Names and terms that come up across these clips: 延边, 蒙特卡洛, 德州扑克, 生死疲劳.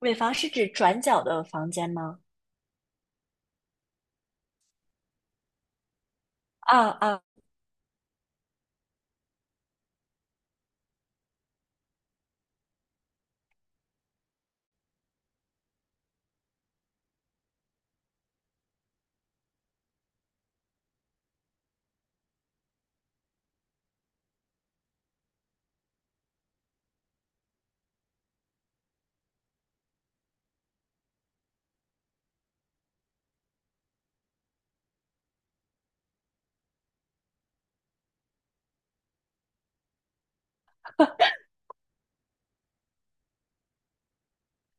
尾房是指转角的房间吗？啊啊，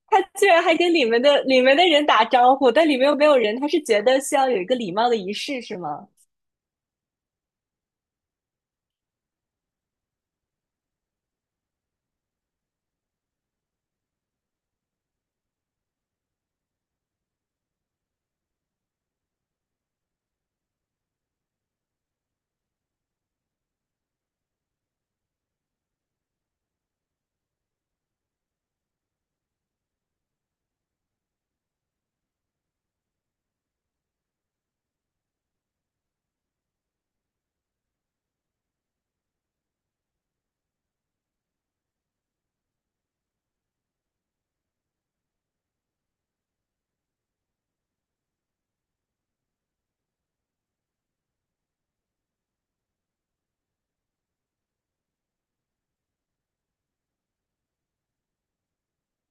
他居然还跟里面的人打招呼，但里面又没有人，他是觉得需要有一个礼貌的仪式是吗？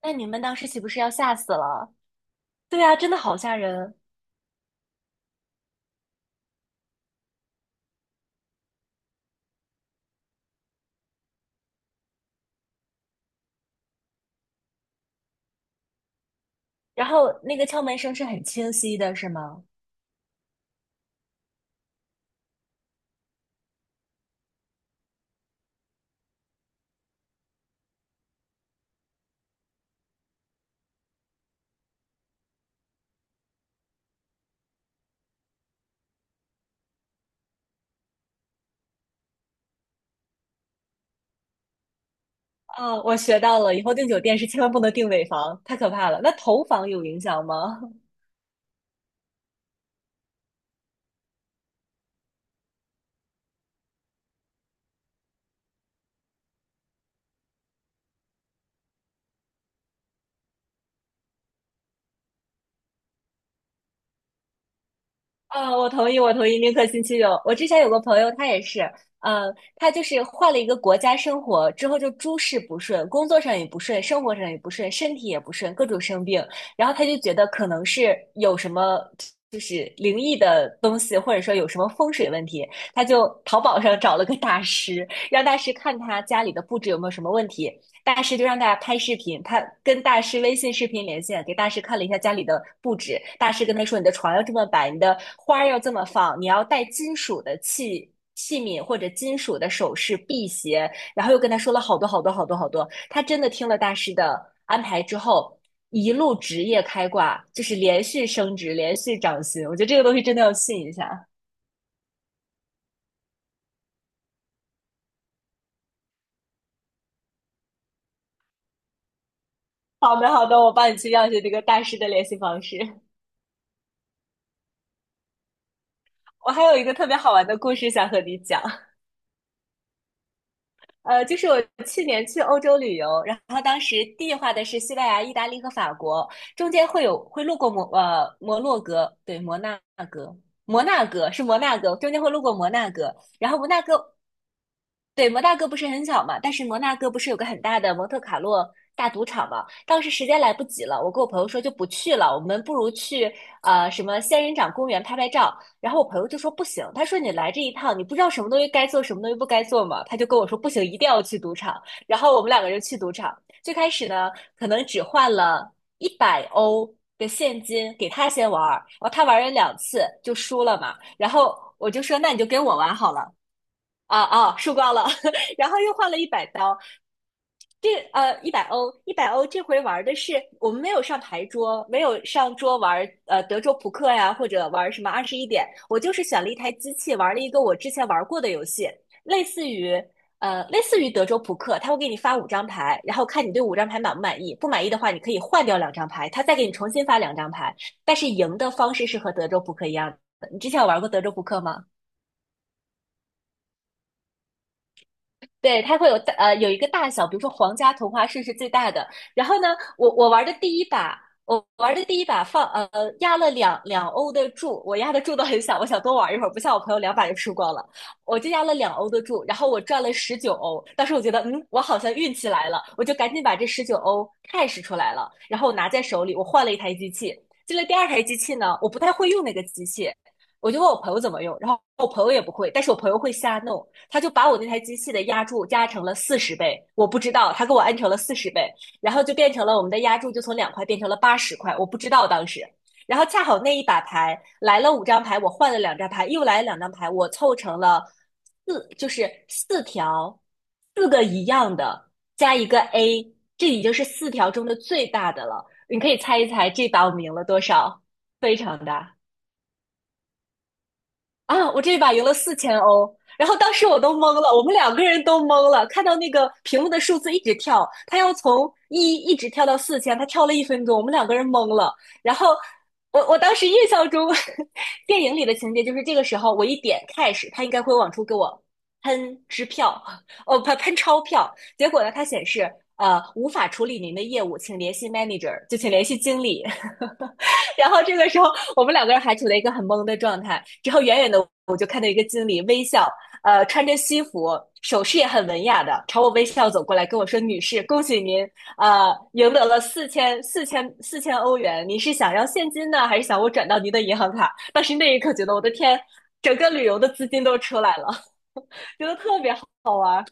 那你们当时岂不是要吓死了？对啊，真的好吓人。然后那个敲门声是很清晰的，是吗？啊，我学到了，以后订酒店是千万不能订尾房，太可怕了。那头房有影响吗？啊，我同意，我同意，宁可信其有。我之前有个朋友，他也是，呃，他就是换了一个国家生活之后，就诸事不顺，工作上也不顺，生活上也不顺，身体也不顺，各种生病。然后他就觉得可能是有什么就是灵异的东西，或者说有什么风水问题，他就淘宝上找了个大师，让大师看他家里的布置有没有什么问题。大师就让大家拍视频，他跟大师微信视频连线，给大师看了一下家里的布置。大师跟他说："你的床要这么摆，你的花要这么放，你要带金属的器皿或者金属的首饰、辟邪。"然后又跟他说了好多好多好多好多。他真的听了大师的安排之后，一路职业开挂，就是连续升职，连续涨薪。我觉得这个东西真的要信一下。好的，好的，我帮你去要一下这个大师的联系方式。我还有一个特别好玩的故事想和你讲。就是我去年去欧洲旅游，然后当时计划的是西班牙、意大利和法国，中间会路过摩洛哥，对，摩纳哥，摩纳哥是摩纳哥，中间会路过摩纳哥，然后摩纳哥，对，摩纳哥不是很小嘛，但是摩纳哥不是有个很大的蒙特卡洛大赌场嘛？当时时间来不及了，我跟我朋友说就不去了，我们不如去什么仙人掌公园拍拍照。然后我朋友就说不行，他说你来这一趟，你不知道什么东西该做，什么东西不该做嘛。他就跟我说不行，一定要去赌场。然后我们两个人去赌场，最开始呢，可能只换了一百欧的现金给他先玩，然后他玩了两次就输了嘛。然后我就说那你就跟我玩好了。啊啊，输光了，然后又换了100刀，一百欧，这回玩的是我们没有上牌桌，没有上桌玩德州扑克呀，或者玩什么二十一点，我就是选了一台机器玩了一个我之前玩过的游戏，类似于类似于德州扑克，他会给你发五张牌，然后看你对五张牌满不满意，不满意的话你可以换掉两张牌，他再给你重新发两张牌，但是赢的方式是和德州扑克一样的。你之前有玩过德州扑克吗？对，它会有一个大小，比如说皇家同花顺是最大的。然后呢，我玩的第一把压了两欧的注，我压的注都很小，我想多玩一会儿，不像我朋友两把就输光了，我就压了两欧的注，然后我赚了十九欧。当时我觉得，嗯，我好像运气来了，我就赶紧把这十九欧 cash 出来了，然后我拿在手里，我换了一台机器。进了第二台机器呢，我不太会用那个机器，我就问我朋友怎么用，然后我朋友也不会，但是我朋友会瞎弄，他就把我那台机器的压铸加成了四十倍，我不知道，他给我按成了四十倍，然后就变成了我们的压铸就从2块变成了80块，我不知道当时。然后恰好那一把牌来了五张牌，我换了两张牌，又来了两张牌，我凑成了四，就是四条，四个一样的加一个 A,这已经是四条中的最大的了。你可以猜一猜这把我们赢了多少？非常大。啊，我这一把赢了四千欧，然后当时我都懵了，我们两个人都懵了，看到那个屏幕的数字一直跳，他要从一一直跳到四千，他跳了1分钟，我们两个人懵了。然后我当时印象中 电影里的情节就是这个时候我一点开始，他应该会往出给我喷支票，哦，喷钞票。结果呢，它显示无法处理您的业务，请联系 manager,就请联系经理。然后这个时候我们两个人还处在一个很懵的状态。之后远远的我就看到一个经理微笑，穿着西服，手势也很文雅的朝我微笑走过来，跟我说："女士，恭喜您，赢得了4000欧元。您是想要现金呢，还是想我转到您的银行卡？"当时那一刻觉得我的天，整个旅游的资金都出来了，觉得特别好玩。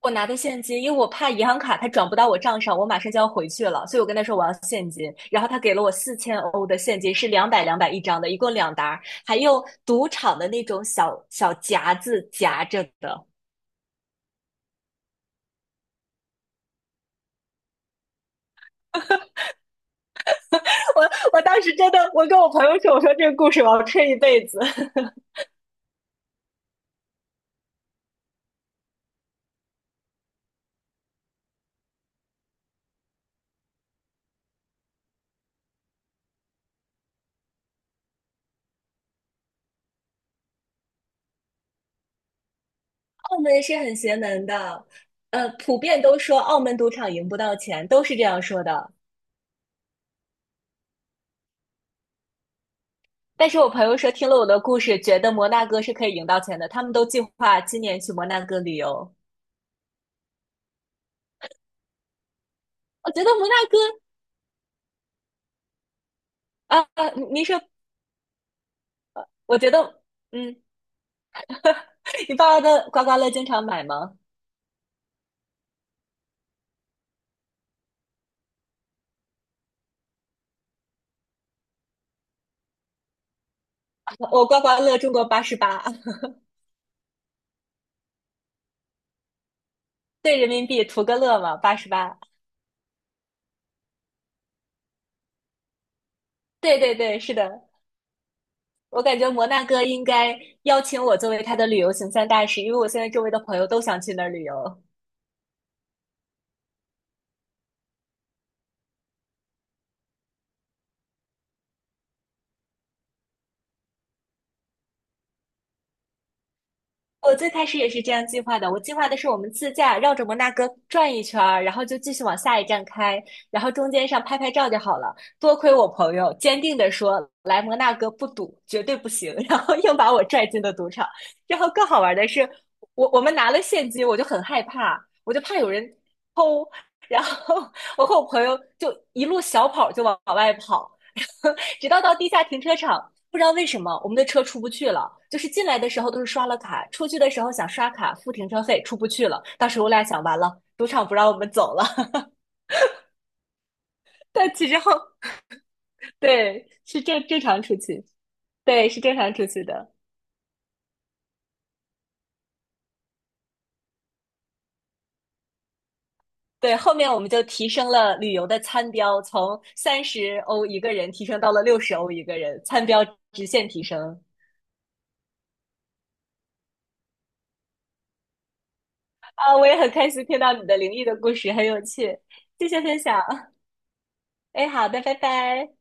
我拿的现金，因为我怕银行卡它转不到我账上，我马上就要回去了，所以我跟他说我要现金，然后他给了我四千欧的现金，是两百一张的，一共两沓还用赌场的那种小小夹子夹着的。我当时真的，我跟我朋友说，我说这个故事我要吹一辈子。澳门是很邪门的，普遍都说澳门赌场赢不到钱，都是这样说的。但是我朋友说听了我的故事，觉得摩纳哥是可以赢到钱的，他们都计划今年去摩纳哥旅游。我觉得摩纳哥啊，啊您说，我觉得，嗯，你爸爸的刮刮乐经常买吗？我刮刮乐中过八十八，对人民币图个乐嘛，八十八。对对对，是的，我感觉摩纳哥应该邀请我作为他的旅游行三大使，因为我现在周围的朋友都想去那儿旅游。我最开始也是这样计划的，我计划的是我们自驾绕着摩纳哥转一圈儿，然后就继续往下一站开，然后中间上拍拍照就好了。多亏我朋友坚定地说来摩纳哥不赌，绝对不行，然后硬把我拽进了赌场。然后更好玩的是，我们拿了现金，我就很害怕，我就怕有人偷，然后我和我朋友就一路小跑就往外跑，直到地下停车场。不知道为什么我们的车出不去了，就是进来的时候都是刷了卡，出去的时候想刷卡付停车费出不去了。当时我俩想，完了，赌场不让我们走了。但其实后对是正常出去，对是正常出去的。对，后面我们就提升了旅游的餐标，从30欧一个人提升到了60欧一个人，餐标直线提升。啊！我也很开心听到你的灵异的故事，很有趣，谢谢分享。哎，好的，拜拜。